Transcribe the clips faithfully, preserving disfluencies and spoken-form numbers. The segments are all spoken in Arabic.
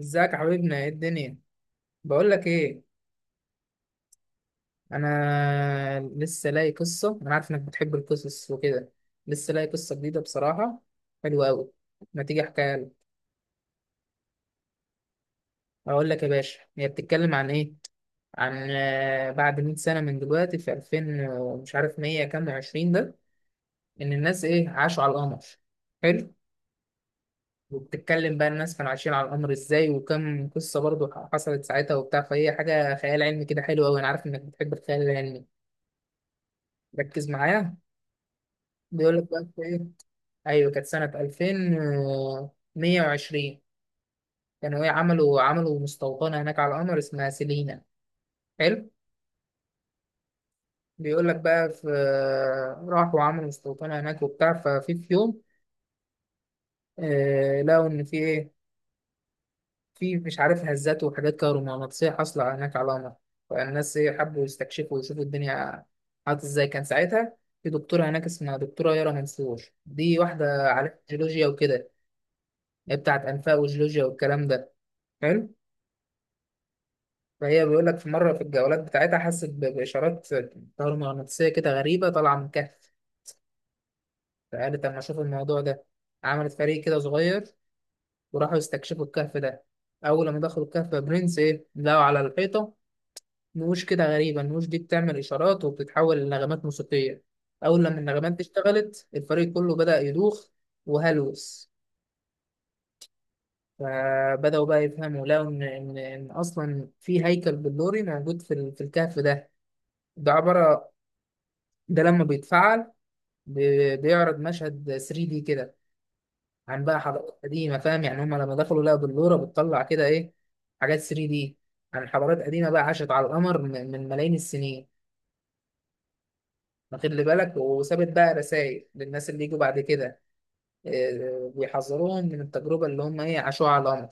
ازيك يا حبيبنا، ايه الدنيا؟ بقول لك ايه، انا لسه لاقي قصه. انا عارف انك بتحب القصص وكده. لسه لاقي قصه جديده بصراحه، حلوه قوي. ما تيجي احكيها لك؟ اقول لك يا باشا، هي بتتكلم عن ايه. عن آه، بعد مية سنه من دلوقتي، في ألفين و- مش عارف مية كام و20 ده، ان الناس ايه، عاشوا على القمر. حلو. وبتتكلم بقى الناس كانوا عايشين على القمر ازاي، وكم قصه برضو حصلت ساعتها وبتاع، فهي حاجه خيال علمي كده، حلو قوي. انا عارف انك بتحب الخيال العلمي. ركز معايا. بيقول لك بقى في ايه. ايوه، كانت سنه ألفين ومية وعشرين. كانوا ايه، عملوا عملوا مستوطنه هناك على القمر اسمها سيلينا. حلو. بيقول لك بقى في، راحوا عملوا مستوطنه هناك وبتاع. ففي في يوم، آه لقوا ان في ايه، في مش عارف هزات وحاجات كهرومغناطيسيه حاصله هناك على القمر. فالناس ايه، حبوا يستكشفوا ويشوفوا الدنيا عادت ازاي كان ساعتها. في دكتوره هناك اسمها دكتوره يارا منصور، دي واحده على جيولوجيا وكده. هي بتاعت انفاق وجيولوجيا والكلام ده. حلو. فهي بيقول لك في مرة في الجولات بتاعتها، حست ب- بإشارات مغناطيسية كده غريبة طالعة من كهف. فقالت أما أشوف الموضوع ده. عملت فريق كده صغير، وراحوا يستكشفوا الكهف ده. أول ما دخلوا الكهف يا برنس، إيه لقوا على الحيطة؟ نقوش كده غريبة. النقوش دي بتعمل إشارات وبتتحول لنغمات موسيقية. أول لما النغمات دي اشتغلت، الفريق كله بدأ يدوخ وهلوس. فبدأوا بقى يفهموا، لقوا إن إن إن أصلا في هيكل بلوري موجود في ال- في الكهف ده. ده عبارة، ده لما بيتفعل بي- بيعرض مشهد 3 دي كده، عن بقى حضارات قديمه، فاهم؟ يعني هم لما دخلوا لقوا بلوره بتطلع كده ايه، حاجات 3 دي عن حضارات قديمه بقى عاشت على القمر من من ملايين السنين. واخد لي بالك، وسابت بقى رسائل للناس اللي يجوا بعد كده، إيه، بيحذروهم من التجربه اللي هم ايه عاشوها على القمر.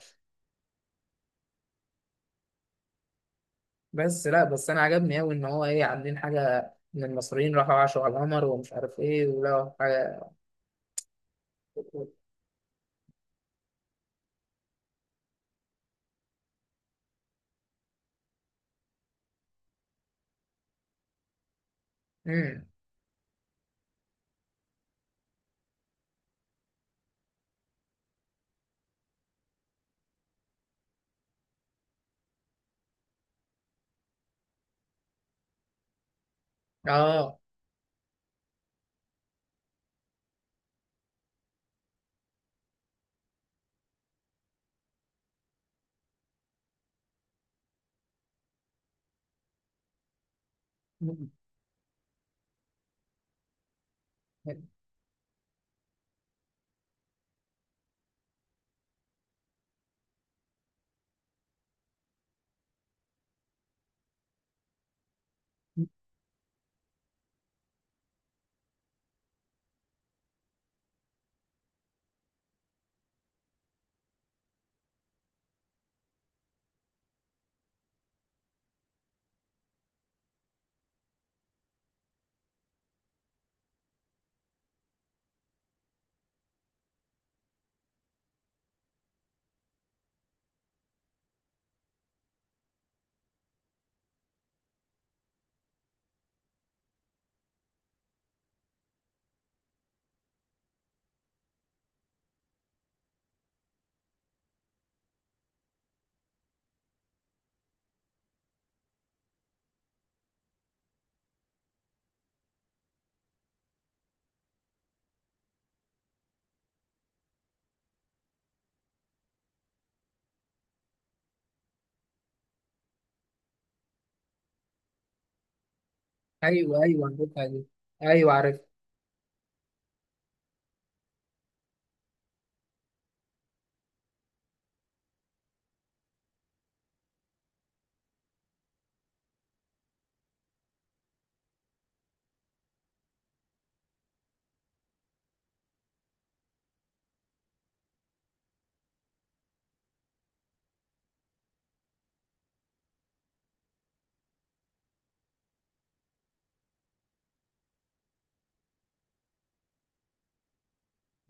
بس لا، بس انا عجبني قوي ان هو ايه، عاملين حاجه ان المصريين راحوا عاشوا على القمر ومش عارف ايه، ولقوا حاجه. امم. اه. ايوه، ايوه، عرفتها دي. ايوه عارف.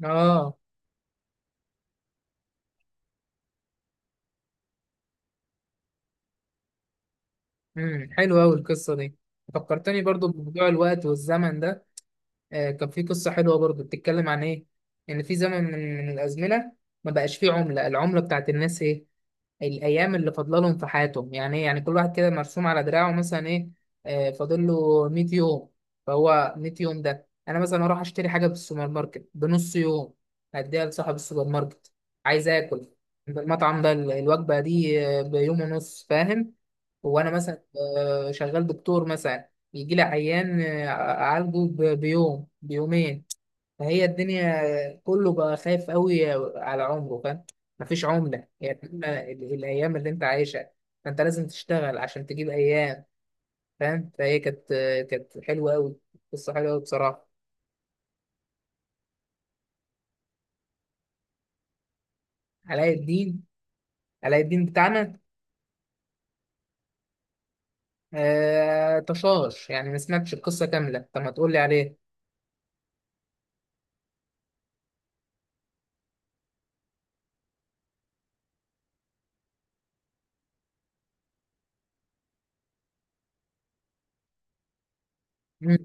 اه. امم حلوه قوي القصه دي. فكرتني برضو بموضوع الوقت والزمن ده. آه كان في قصه حلوه برضو بتتكلم عن ايه. ان في زمن من, من الازمنه ما بقاش فيه عمله، العمله بتاعت الناس ايه، الايام اللي فاضله لهم في حياتهم. يعني ايه، يعني كل واحد كده مرسوم على دراعه مثلا ايه، آه فاضل له مية يوم. فهو مية يوم ده، انا مثلا اروح اشتري حاجه في السوبر ماركت بنص يوم، هديها لصاحب السوبر ماركت. عايز اكل المطعم ده، الوجبه دي آه، بيوم ونص، فاهم؟ هو انا مثلا آه، شغال دكتور مثلا، بيجي لي عيان آه، اعالجه ب- بيوم بيومين. فهي الدنيا كله بقى خايف قوي على عمره، فاهم. مفيش عملة، يعني إما ال- الايام اللي انت عايشها، فانت لازم تشتغل عشان تجيب ايام، فاهم. فهي كانت آه، كانت حلوة قوي. قصة حلوة قوي بصراحة. علاء الدين؟ علاء الدين بتاعنا. آه تشاش، يعني ما سمعتش القصة كاملة، طب ما تقول لي عليه. مم.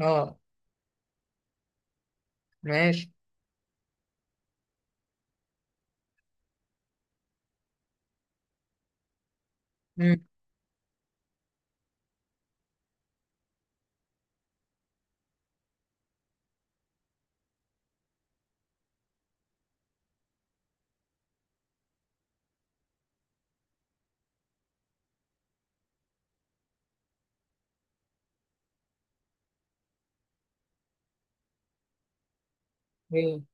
اه. ماشي. مم. ايه،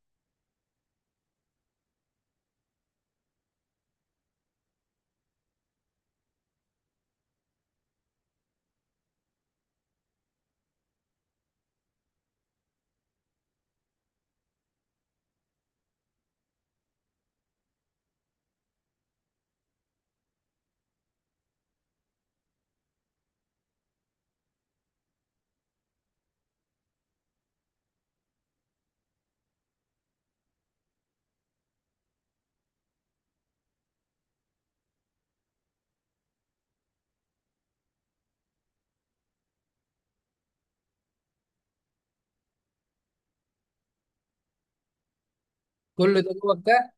كل ده جوه بتاع؟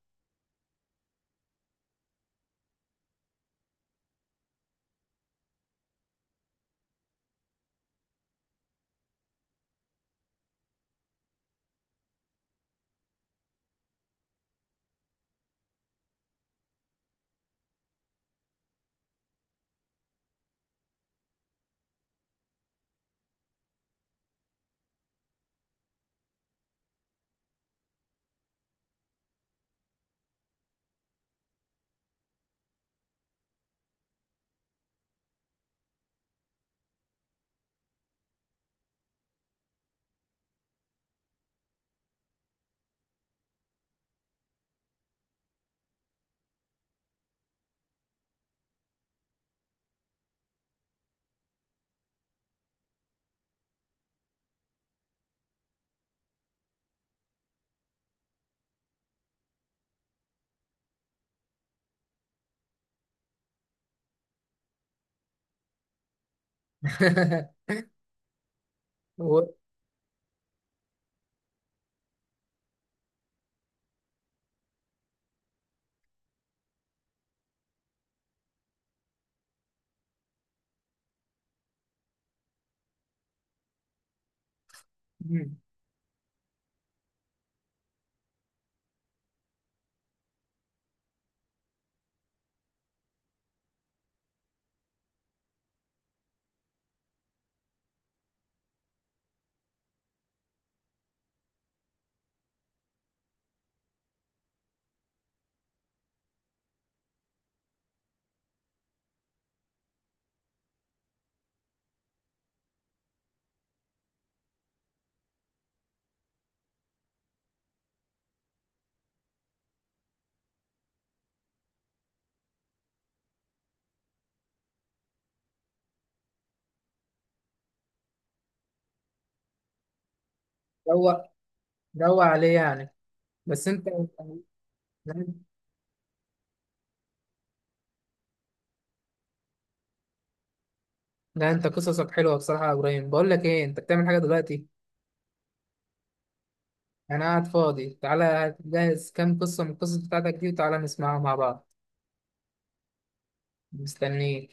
هو. مم. روق، روق عليه يعني. بس انت... لا، لا، انت قصصك حلوه بصراحه يا ابراهيم. بقول لك ايه، انت بتعمل حاجه دلوقتي؟ انا قاعد فاضي. تعالى جهز كام قصه من القصص بتاعتك دي، وتعالى نسمعها مع بعض. مستنيك.